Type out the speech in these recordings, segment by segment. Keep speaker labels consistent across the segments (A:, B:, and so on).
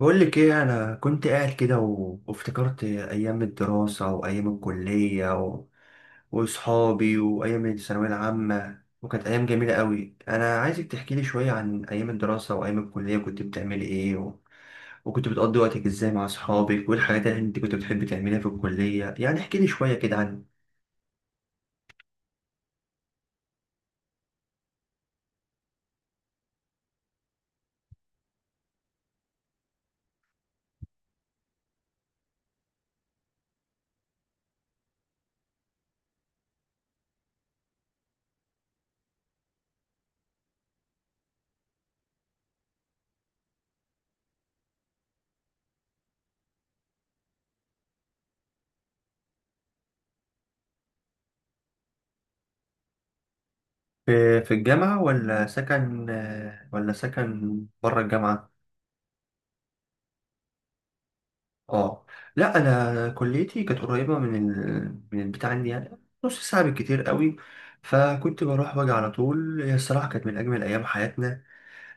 A: بقول لك ايه، انا كنت قاعد كده وافتكرت ايام الدراسه وايام الكليه واصحابي وايام الثانويه العامه، وكانت ايام جميله قوي. انا عايزك تحكي لي شويه عن ايام الدراسه وايام الكليه، كنت بتعملي ايه وكنت بتقضي وقتك ازاي مع اصحابك، والحاجات اللي انت كنت بتحبي تعمليها في الكليه. يعني احكي لي شويه كده عن في الجامعه ولا سكن ولا سكن بره الجامعه؟ اه. لا، انا كليتي كانت قريبه من البتاع عندي يعني، نص ساعه بالكتير قوي، فكنت بروح واجي على طول. هي الصراحه كانت من اجمل ايام حياتنا.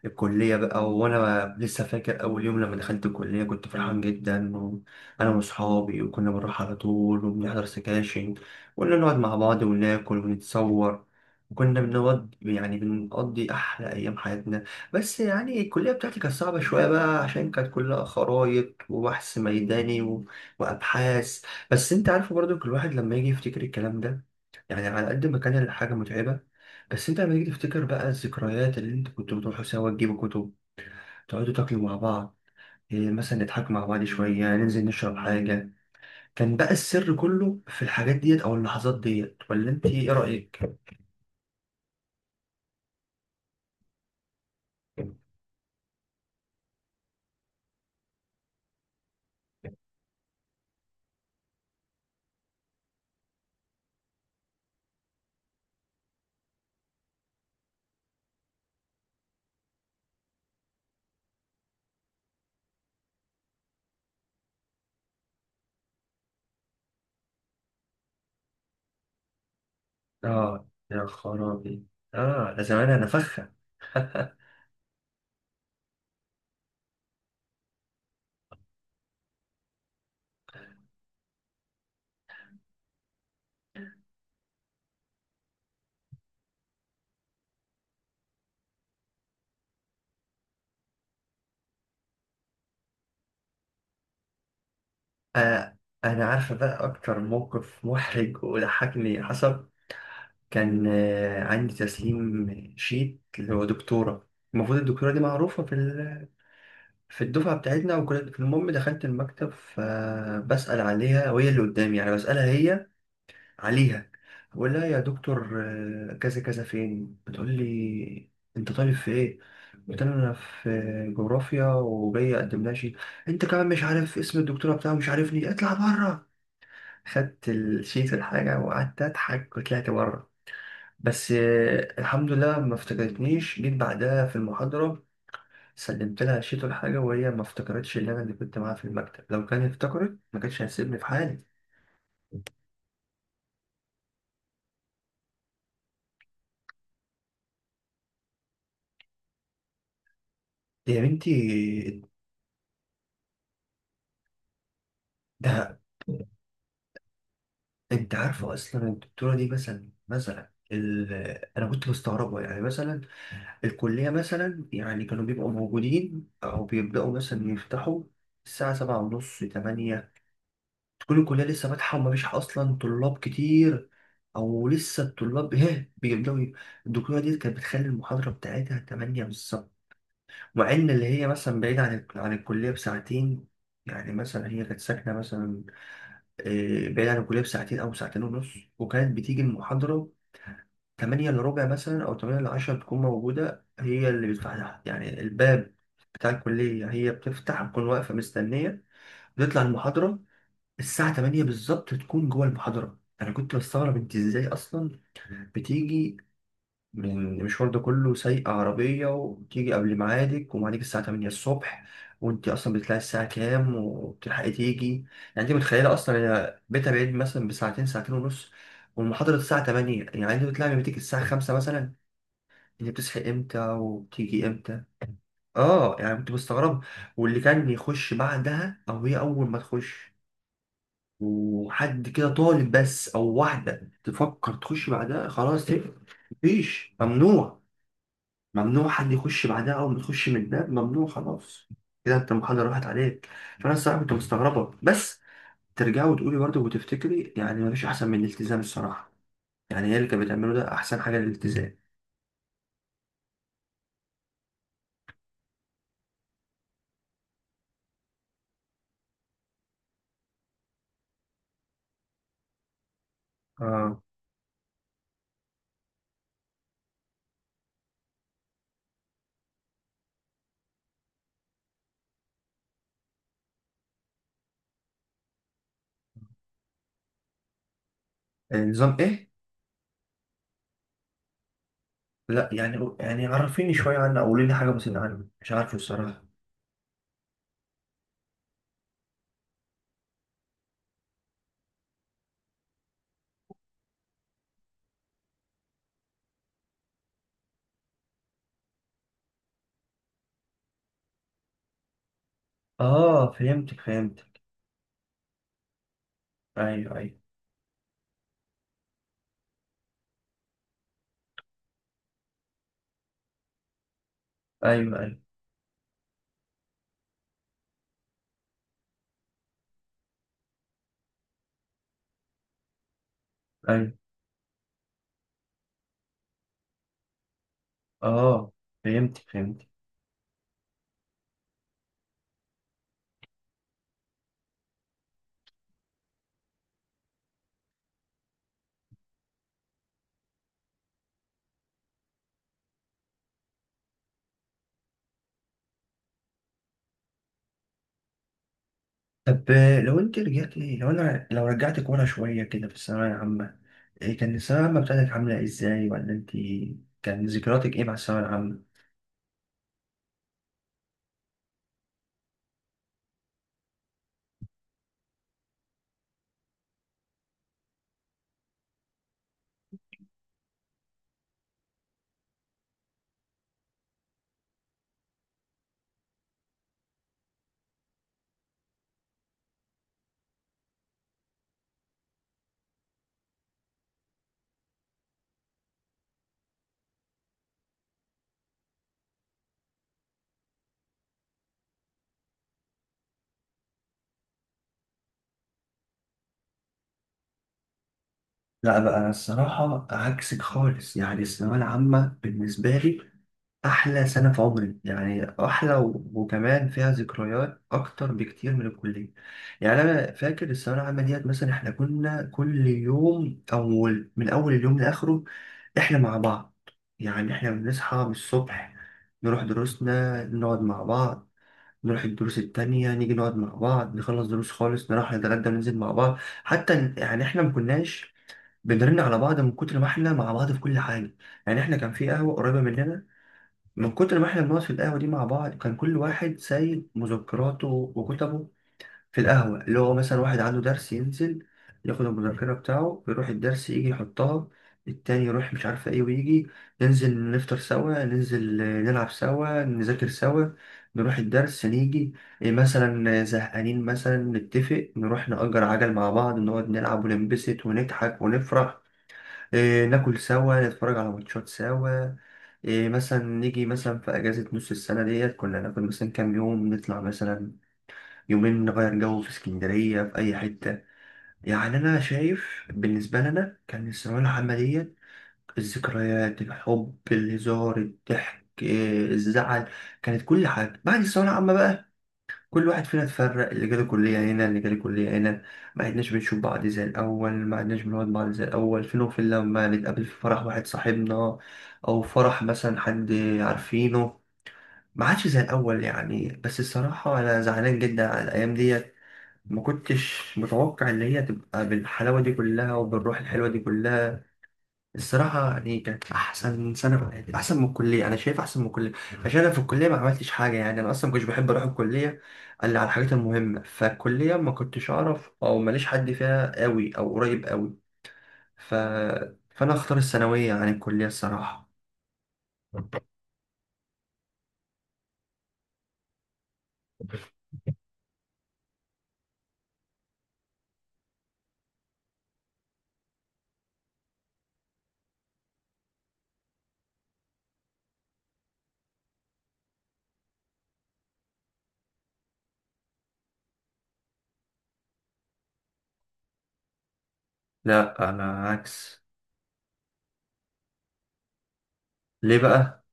A: الكلية بقى، وأنا لسه فاكر أول يوم لما دخلت الكلية كنت فرحان جدا، وأنا وأصحابي وكنا بنروح على طول وبنحضر سكاشن، وكنا نقعد مع بعض وناكل ونتصور، وكنا بنقعد يعني بنقضي أحلى أيام حياتنا. بس يعني الكلية بتاعتي كانت صعبة شوية بقى، عشان كانت كلها خرايط وبحث ميداني وأبحاث. بس أنت عارف برضو، كل واحد لما يجي يفتكر الكلام ده، يعني على قد ما كان الحاجة متعبة، بس انت لما تيجي تفتكر بقى الذكريات، اللي انت كنتوا بتروحوا سوا تجيبوا كتب، تقعدوا تاكلوا مع بعض، إيه، مثلا نضحكوا مع بعض شوية، ننزل نشرب حاجة. كان بقى السر كله في الحاجات ديت أو اللحظات ديت، ولا انت ايه رأيك؟ اه يا خرابي! اه، ده زمان انا فخة. آه، انا عارفة بقى اكتر موقف محرج وضحكني حصل. كان عندي تسليم شيت اللي هو دكتورة، المفروض الدكتورة دي معروفة في الدفعة بتاعتنا. وكنت المهم دخلت المكتب فبسأل عليها وهي اللي قدامي، يعني بسألها هي عليها. بقول لها يا دكتور كذا كذا فين. بتقول لي انت طالب في ايه؟ قلت لها انا في جغرافيا، وجاي اقدم لها شيت. انت كمان مش عارف اسم الدكتوره بتاعه مش عارفني؟ اطلع بره. خدت الشيت الحاجه وقعدت اضحك وطلعت بره. بس الحمد لله ما افتكرتنيش. جيت بعدها في المحاضره، سلمت لها شيت ولا حاجة، وهي ما افتكرتش اللي أنا اللي كنت معاها في المكتب. لو كانت افتكرت، ما كانتش هتسيبني في حالي. يا بنتي! ده انت عارفه اصلا الدكتوره دي، انا كنت مستغربه، يعني مثلا الكليه مثلا يعني كانوا بيبقوا موجودين او بيبداوا مثلا يفتحوا الساعه 7:30، 8، تكون الكليه لسه فاتحه ومفيش اصلا طلاب كتير، او لسه الطلاب بيبداوا الدكتوره دي كانت بتخلي المحاضره بتاعتها 8 بالظبط. مع ان اللي هي مثلا بعيدة عن الكلية بساعتين، يعني مثلا هي كانت ساكنة مثلا بعيدة عن الكلية بساعتين أو ساعتين ونص، وكانت بتيجي المحاضرة 7:45 مثلا أو 7:50 بتكون موجودة، هي اللي بتفتح لها يعني الباب بتاع الكلية. هي بتفتح، بتكون واقفة مستنية، بتطلع المحاضرة الساعة 8 بالظبط تكون جوه المحاضرة. أنا كنت بستغرب، أنت إزاي أصلا بتيجي من المشوار ده كله سايقة عربية، وتيجي قبل ميعادك وميعادك الساعة 8 الصبح؟ وانت اصلا بتطلعي الساعة كام وبتلحقي تيجي؟ يعني انت متخيلة اصلا، هي بيتها بعيد مثلا بساعتين، ساعتين ونص، والمحاضرة الساعة 8. يعني انت بتطلعي من بيتك الساعة 5 مثلا؟ انت بتصحي امتى وبتيجي امتى؟ اه، يعني كنت مستغرب. واللي كان يخش بعدها، او هي اول ما تخش وحد كده طالب بس، او واحدة تفكر تخش بعدها، خلاص تقفل. مفيش، ممنوع، ممنوع حد يخش بعدها. أول ما تخش من الباب، ممنوع خلاص كده، أنت المحاضرة راحت عليك. فأنا الصراحة كنت مستغربة. بس ترجعي وتقولي برضه وتفتكري، يعني مفيش أحسن من الالتزام الصراحة. يعني هي اللي كانت بتعمله ده أحسن حاجة، الالتزام. آه. النظام إيه؟ لا يعني، يعني عرفيني شوية عنه، أو قولي لي حاجة مثلا عنه، مش عارفه الصراحة. آه، فهمتك فهمتك. أيوه أيوه. أيوه أيوه. أيوه. آه، فهمتك فهمتك. طب لو أنت رجعتي، لو أنا لو رجعتك ورا شوية كده في الثانوية العامة، إيه كان الثانوية العامة بتاعتك عاملة ازاي، ولا انت كان ذكرياتك ايه مع الثانوية العامة؟ لا بقى، أنا الصراحة عكسك خالص. يعني الثانوية العامة بالنسبة لي أحلى سنة في عمري، يعني أحلى وكمان فيها ذكريات أكتر بكتير من الكلية. يعني أنا فاكر الثانوية العامة ديت، مثلا إحنا كنا كل يوم، أو من أول اليوم لآخره إحنا مع بعض. يعني إحنا بنصحى من الصبح، نروح دروسنا، نقعد مع بعض، نروح الدروس التانية، نيجي نقعد مع بعض، نخلص دروس خالص، نروح نتغدى وننزل مع بعض. حتى يعني احنا ما كناش بنرن على بعض من كتر ما احنا مع بعض في كل حاجة. يعني احنا كان في قهوة قريبة مننا، من كتر ما احنا بنقعد في القهوة دي مع بعض، كان كل واحد سايب مذكراته وكتبه في القهوة. اللي هو مثلا واحد عنده درس، ينزل ياخد المذكرة بتاعه يروح الدرس يجي يحطها، التاني يروح مش عارفة ايه ويجي. ننزل نفطر سوا، ننزل نلعب سوا، نذاكر سوا، نروح الدرس نيجي، إيه مثلا، زهقانين مثلا، نتفق نروح نأجر عجل مع بعض، نقعد نلعب وننبسط ونضحك ونفرح، إيه، ناكل سوا، نتفرج على ماتشات سوا، إيه مثلا نيجي مثلا في أجازة نص السنة ديت، كنا ناخد مثلا كام يوم نطلع مثلا يومين، نغير جو في اسكندرية في أي حتة. يعني أنا شايف بالنسبة لنا كان الثانوية العامة ديت الذكريات، الحب، الهزار، الضحك، إيه، الزعل، كانت كل حاجة. بعد الثانوية العامة بقى، كل واحد فينا اتفرق، اللي جاله كلية هنا اللي جاله كلية هنا، ما عدناش بنشوف بعض زي الأول، ما عدناش بنقعد بعض زي الأول. فين وفين لما نتقابل في فرح واحد صاحبنا، أو فرح مثلا حد عارفينه. ما عادش زي الأول يعني. بس الصراحة أنا زعلان جدا على الأيام ديت، ما كنتش متوقع ان هي تبقى بالحلاوه دي كلها وبالروح الحلوه دي كلها. الصراحه يعني كانت احسن سنه في حياتي، احسن من الكليه، انا شايف احسن من الكليه. عشان انا في الكليه ما عملتش حاجه، يعني انا اصلا ما كنتش بحب اروح الكليه الا على الحاجات المهمه، فالكليه ما كنتش اعرف او ماليش حد فيها قوي او قريب قوي، ف... فانا اختار الثانويه عن الكليه الصراحه. لا انا عكس. ليه بقى؟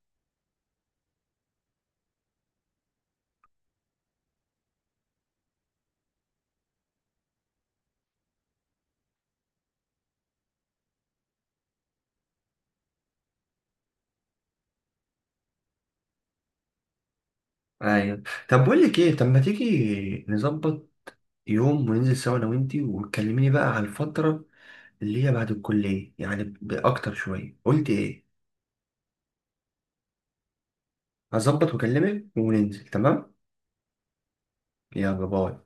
A: ايوه. طب بقول لك ايه، طب ما تيجي نظبط يوم وننزل سوا انا وانتي، وتكلميني بقى على الفتره اللي هي بعد الكلية، يعني بأكتر شوية. قلت إيه؟ هظبط وأكلمك وننزل، تمام. يلا باي.